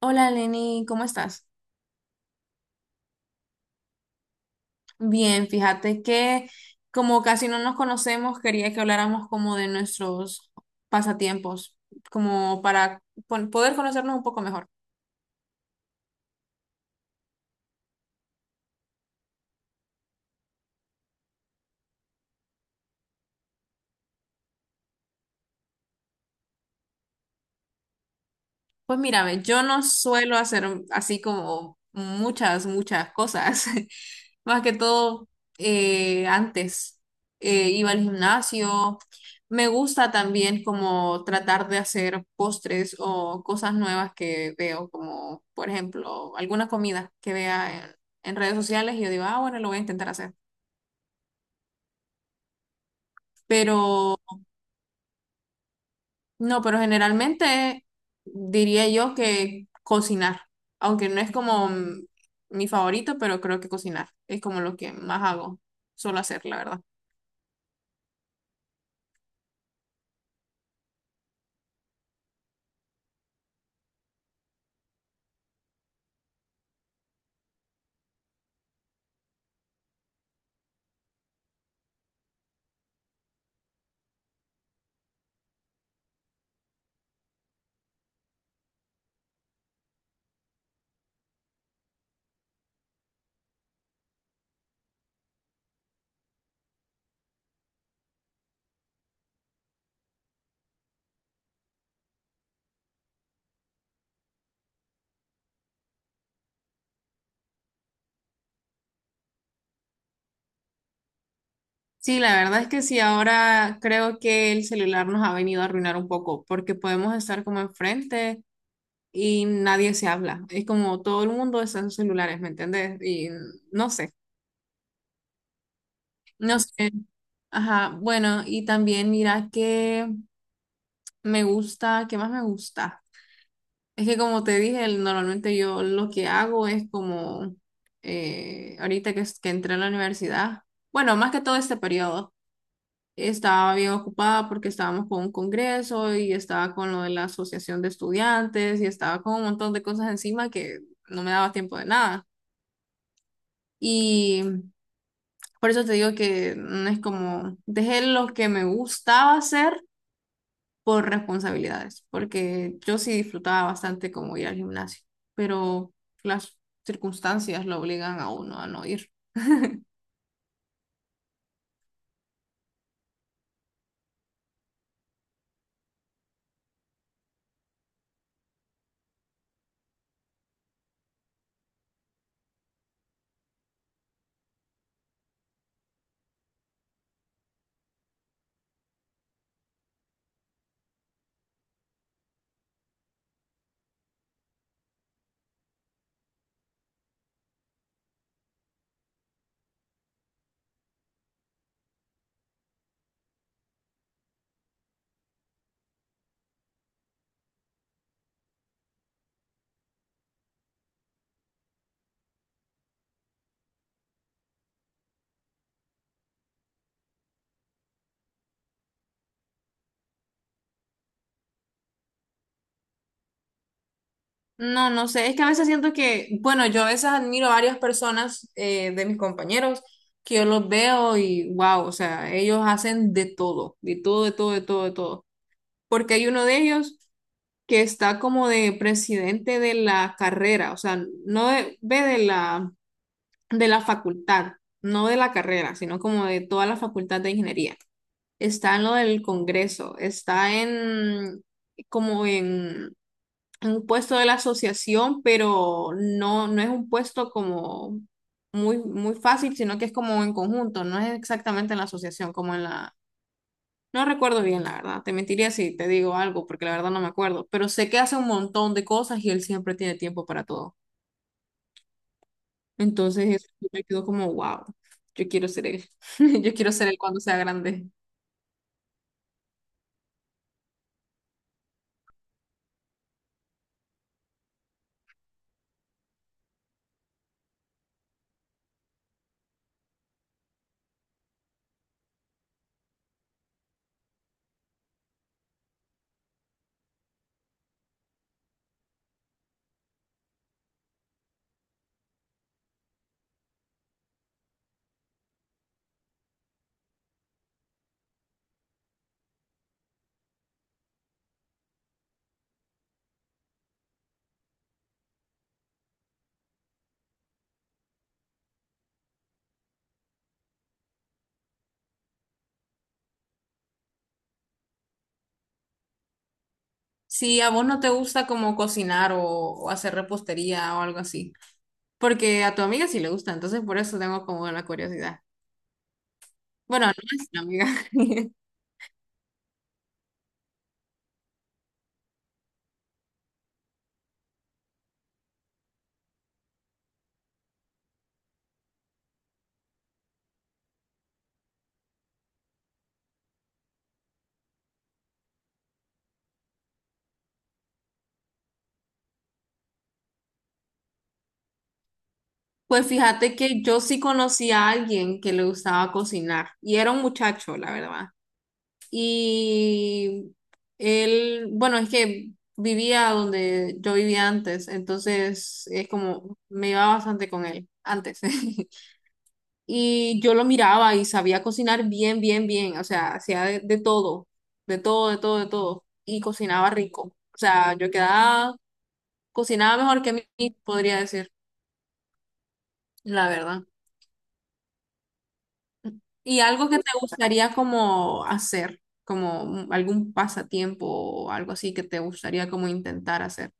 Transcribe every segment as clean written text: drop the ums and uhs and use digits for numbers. Hola Lenny, ¿cómo estás? Bien, fíjate que como casi no nos conocemos, quería que habláramos como de nuestros pasatiempos, como para poder conocernos un poco mejor. Pues mírame, yo no suelo hacer así como muchas, muchas cosas. Más que todo, antes iba al gimnasio. Me gusta también como tratar de hacer postres o cosas nuevas que veo, como por ejemplo, alguna comida que vea en redes sociales y yo digo, ah, bueno, lo voy a intentar hacer. Pero no, pero generalmente diría yo que cocinar, aunque no es como mi favorito, pero creo que cocinar es como lo que más hago, suelo hacer, la verdad. Sí, la verdad es que sí, ahora creo que el celular nos ha venido a arruinar un poco, porque podemos estar como enfrente y nadie se habla. Es como todo el mundo está en sus celulares, ¿me entendés? Y no sé, no sé. Ajá, bueno, y también mira que me gusta, ¿qué más me gusta? Es que como te dije, normalmente yo lo que hago es como ahorita que, que entré a la universidad, bueno, más que todo este periodo, estaba bien ocupada porque estábamos con un congreso y estaba con lo de la asociación de estudiantes y estaba con un montón de cosas encima que no me daba tiempo de nada. Y por eso te digo que no es como, dejé lo que me gustaba hacer por responsabilidades, porque yo sí disfrutaba bastante como ir al gimnasio, pero las circunstancias lo obligan a uno a no ir. No, no sé, es que a veces siento que, bueno, yo a veces admiro a varias personas de mis compañeros que yo los veo y wow, o sea, ellos hacen de todo, de todo, de todo, de todo, de todo. Porque hay uno de ellos que está como de presidente de la carrera, o sea, no de- ve de la facultad, no de la carrera, sino como de toda la facultad de ingeniería. Está en lo del Congreso, está en como en un puesto de la asociación, pero no, no es un puesto como muy, muy fácil, sino que es como en conjunto, no es exactamente en la asociación, como en la... No recuerdo bien, la verdad. Te mentiría si te digo algo, porque la verdad no me acuerdo, pero sé que hace un montón de cosas y él siempre tiene tiempo para todo. Entonces eso me quedó como, wow, yo quiero ser él. Yo quiero ser él cuando sea grande. Si a vos no te gusta como cocinar o hacer repostería o algo así, porque a tu amiga sí le gusta, entonces por eso tengo como la curiosidad. Bueno, no es una amiga. Pues fíjate que yo sí conocí a alguien que le gustaba cocinar y era un muchacho, la verdad. Y él, bueno, es que vivía donde yo vivía antes, entonces es como, me iba bastante con él antes. Y yo lo miraba y sabía cocinar bien, bien, bien, o sea, hacía de todo, de todo, de todo, de todo, y cocinaba rico. O sea, yo quedaba, cocinaba mejor que mí, podría decir, la verdad. ¿Y algo que te gustaría como hacer? Como algún pasatiempo o algo así que te gustaría como intentar hacer.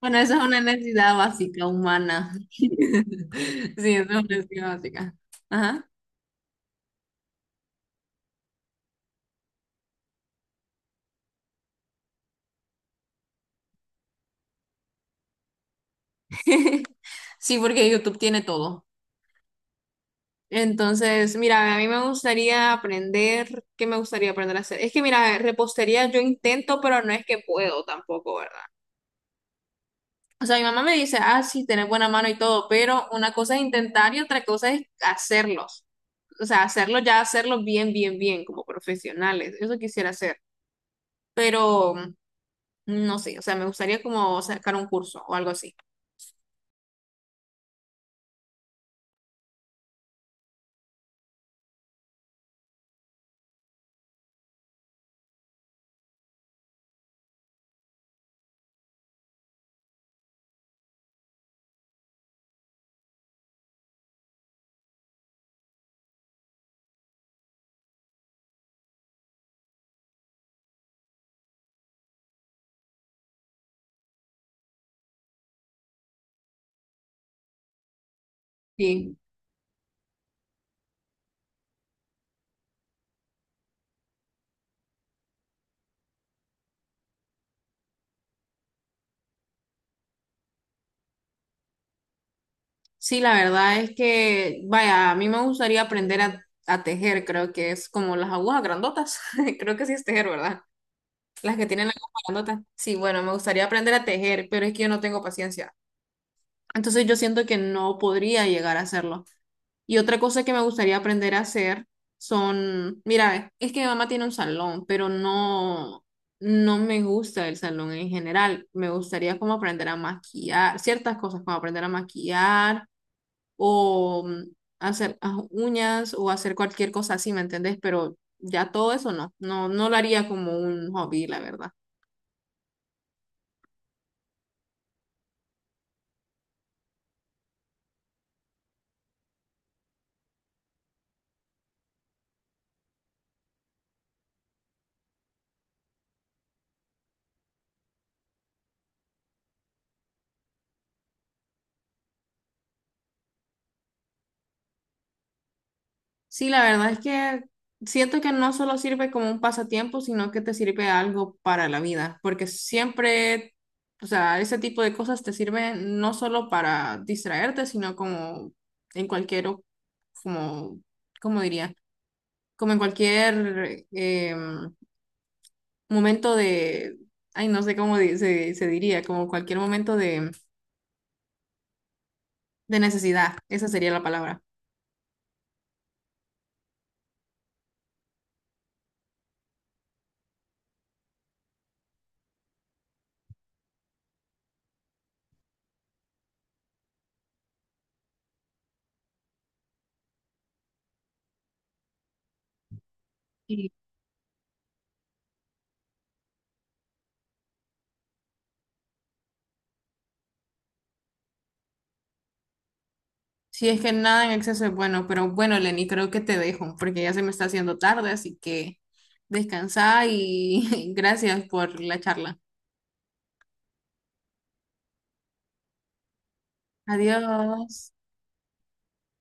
Bueno, esa es una necesidad básica humana. Sí, esa es una necesidad básica. Ajá. Sí, porque YouTube tiene todo. Entonces, mira, a mí me gustaría aprender, ¿qué me gustaría aprender a hacer? Es que, mira, repostería yo intento, pero no es que puedo tampoco, ¿verdad? O sea, mi mamá me dice, ah, sí, tenés buena mano y todo, pero una cosa es intentar y otra cosa es hacerlos. O sea, hacerlo ya, hacerlo bien, bien, bien, como profesionales. Eso quisiera hacer. Pero... No sé, o sea, me gustaría como sacar un curso o algo así. Sí, sí, la verdad es que, vaya, a mí me gustaría aprender a tejer, creo que es como las agujas grandotas, creo que sí es tejer, ¿verdad? Las que tienen las agujas grandotas. Sí, bueno, me gustaría aprender a tejer, pero es que yo no tengo paciencia. Entonces yo siento que no podría llegar a hacerlo. Y otra cosa que me gustaría aprender a hacer son, mira, es que mi mamá tiene un salón, pero no, no me gusta el salón en general. Me gustaría como aprender a maquillar, ciertas cosas como aprender a maquillar o hacer ah, uñas o hacer cualquier cosa así, ¿me entendés? Pero ya todo eso no, no, no lo haría como un hobby, la verdad. Sí, la verdad es que siento que no solo sirve como un pasatiempo, sino que te sirve algo para la vida, porque siempre, o sea, ese tipo de cosas te sirven no solo para distraerte, sino como en cualquier, como, ¿cómo diría? Como en cualquier momento de, ay, no sé cómo se, se diría, como cualquier momento de necesidad, esa sería la palabra. Sí, es que nada en exceso es bueno, pero bueno, Lenny, creo que te dejo porque ya se me está haciendo tarde, así que descansa y gracias por la charla. Adiós.